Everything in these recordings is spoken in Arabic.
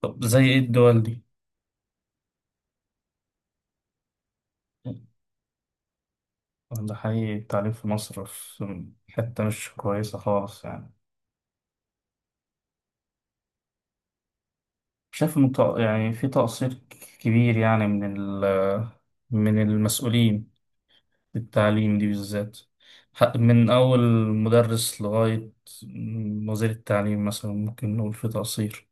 طب زي ايه الدول دي؟ ده حقيقي التعليم في مصر في حتة مش كويسة خالص يعني. شايف إن يعني في تقصير كبير يعني من ال من المسؤولين في التعليم دي بالذات. من أول مدرس لغاية وزير التعليم مثلا ممكن نقول في تقصير.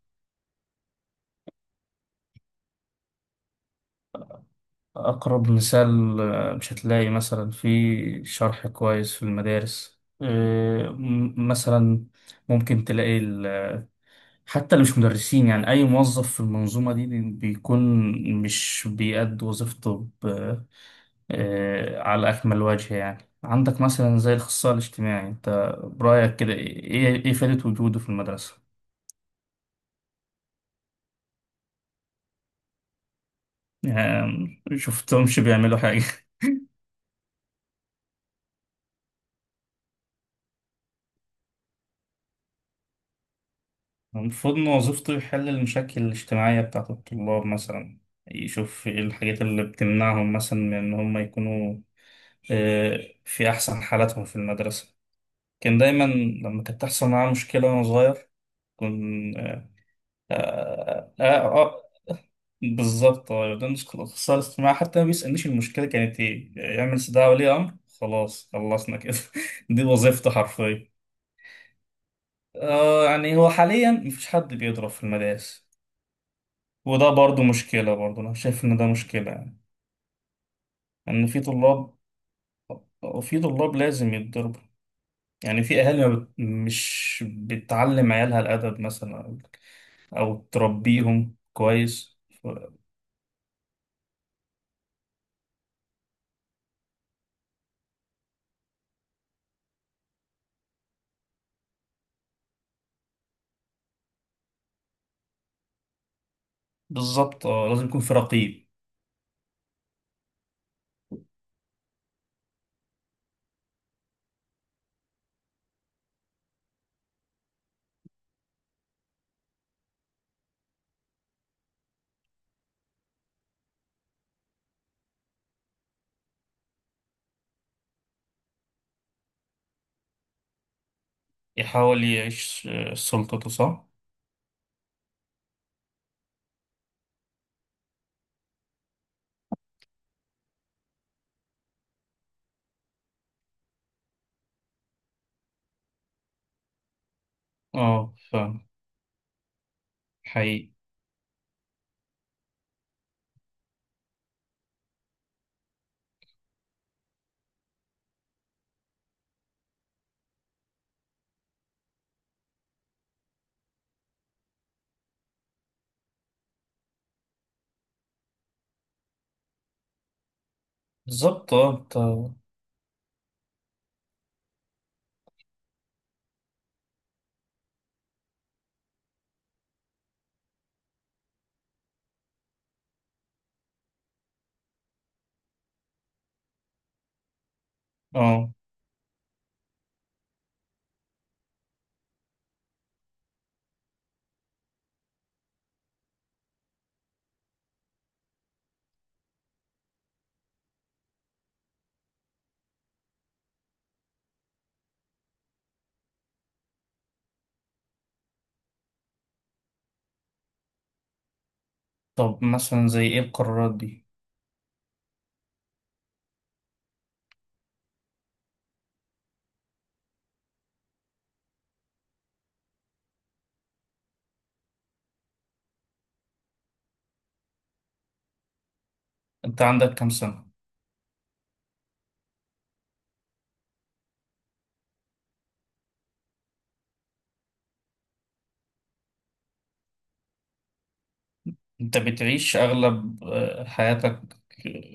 أقرب مثال، مش هتلاقي مثلا في شرح كويس في المدارس، مثلا ممكن تلاقي حتى اللي مش مدرسين، يعني أي موظف في المنظومة دي بيكون مش بيأدي وظيفته على أكمل وجه. يعني عندك مثلا زي الأخصائي الاجتماعي، أنت برأيك كده إيه فائدة وجوده في المدرسة؟ يعني شفتهمش بيعملوا حاجة. المفروض إن وظيفته يحل المشاكل الاجتماعية بتاعت الطلاب مثلا، يشوف إيه الحاجات اللي بتمنعهم مثلا من إن هم يكونوا في أحسن حالاتهم في المدرسة. كان دايما لما كانت تحصل معاه مشكلة وأنا صغير كنت. آه آه آه، بالظبط، ده نسخة الاختصار الاجتماعي، حتى ما بيسألنيش المشكلة كانت إيه. يعمل استدعاء ولي أمر. خلاص خلصنا كده دي وظيفته حرفيا. آه، يعني هو حاليا مفيش حد بيضرب في المدارس، وده برضو مشكلة، برضو أنا شايف إن ده مشكلة يعني، إن في طلاب لازم يتضربوا. يعني في أهالي ما بت... مش بتعلم عيالها الأدب مثلا، او تربيهم كويس. ف- بالظبط، اه، لازم يكون في رقيب. يحاول يعيش سلطته، صح. اه، فاهم. حقيقي. بالظبط، اه، انت. اه. طب مثلا زي ايه القرارات دي؟ انت عندك كام سنة؟ انت بتعيش اغلب حياتك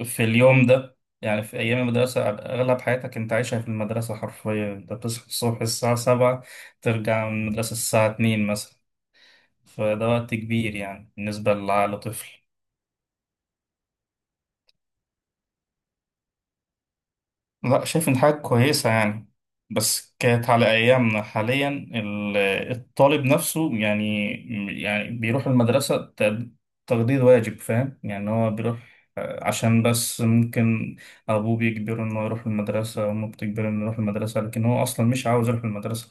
في اليوم ده، يعني في ايام المدرسة اغلب حياتك انت عايشها في المدرسة حرفيا، انت بتصحى الصبح الساعة 7، ترجع من المدرسة الساعة 2 مثلا، فده وقت كبير يعني بالنسبة لعقل طفل. لا، شايف إن حاجة كويسة يعني، بس كانت على أيامنا حاليا ال- الطالب نفسه يعني، يعني بيروح المدرسة تقضية واجب، فاهم يعني، هو بيروح عشان بس ممكن أبوه بيجبره إنه يروح المدرسة وأمه بتجبره إنه يروح المدرسة لكن هو أصلا مش عاوز يروح المدرسة.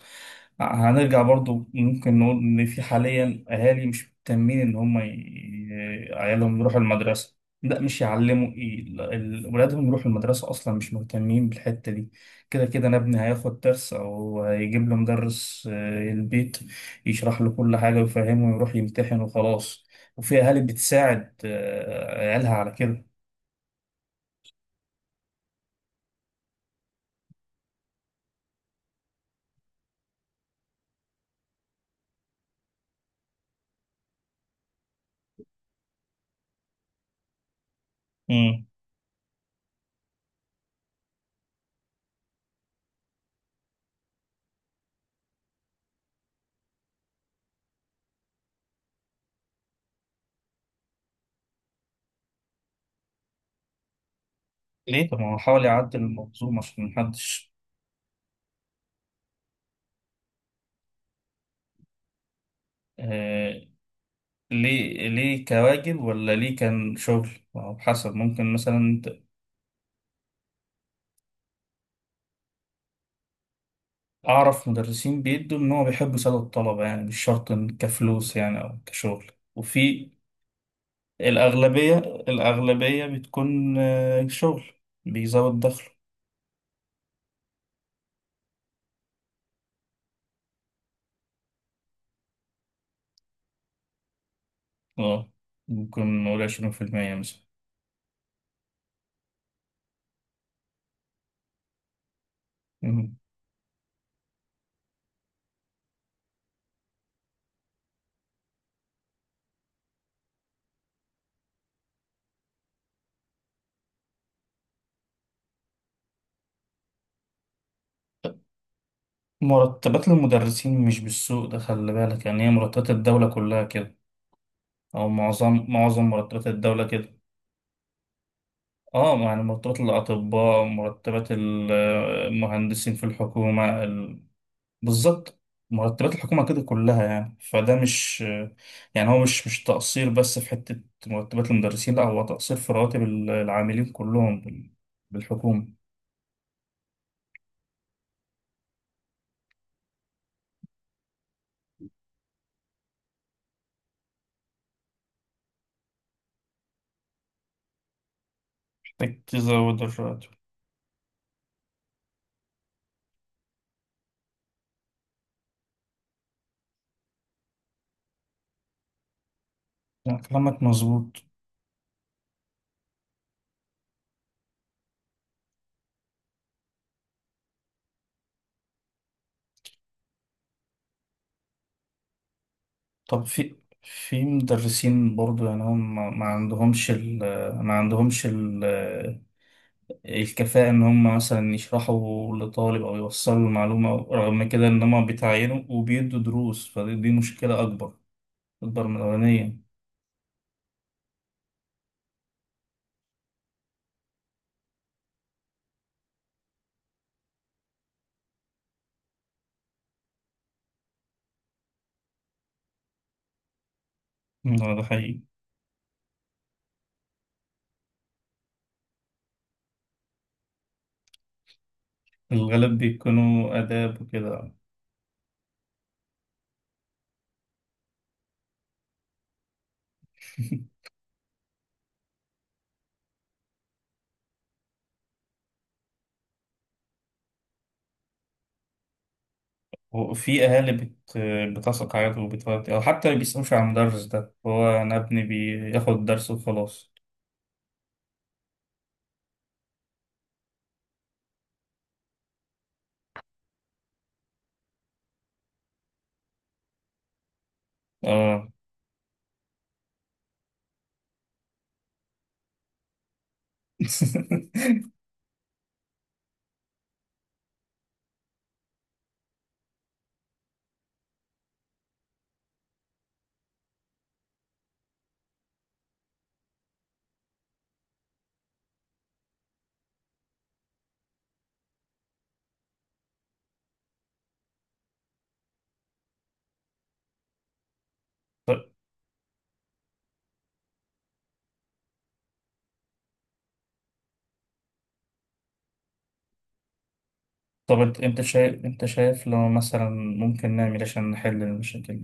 هنرجع برضو، ممكن نقول إن في حاليا أهالي مش مهتمين إن عيالهم يروحوا المدرسة. لا، مش يعلموا ايه ولادهم يروحوا المدرسة أصلا، مش مهتمين بالحتة دي. كده كده أنا ابني هياخد درس أو هيجيب له مدرس البيت، يشرح له كل حاجة ويفهمه ويروح يمتحن وخلاص. وفي أهالي بتساعد عيالها على كده. مم. ليه؟ طب ما هو حاول يعدل المنظومة عشان محدش. آه، ليه كواجب ولا ليه كان شغل؟ ما هو حسب، ممكن مثلا أعرف مدرسين بيدوا إن هو بيحب يساعدوا الطلبة يعني، مش شرط إن كفلوس يعني أو كشغل، وفي الأغلبية بتكون شغل، بيزود دخله. اه، ممكن نقول 20% مثلا. مم. مرتبات المدرسين مش بالسوق ده، خلي بالك، يعني هي مرتبات الدولة كلها كده، أو معظم مرتبات الدولة كده. اه، يعني مرتبات الأطباء، مرتبات المهندسين في الحكومة. بالظبط، مرتبات الحكومة كده كلها، يعني فده مش، يعني هو مش تقصير بس في حتة مرتبات المدرسين، لا، هو تقصير في رواتب العاملين كلهم بالحكومة. محتاج تزود الراتب. لا، كلامك مظبوط. طب في مدرسين برضو يعني هم ما عندهمش ال ما عندهمش ال الكفاءة إن هم مثلا يشرحوا لطالب أو يوصلوا المعلومة، رغم كده إن هم بيتعينوا وبيدوا دروس، فدي مشكلة أكبر، أكبر من الأولانية. لا، ده حقيقي. الغالب بيكونوا آداب وكده وفي أهالي بتثق عادي وبتودي، أو حتى ما بيسألوش على المدرس ده، هو أنا ابني بياخد درس وخلاص. آه طب أنت شايف لو مثلا ممكن نعمل إيه عشان نحل المشاكل؟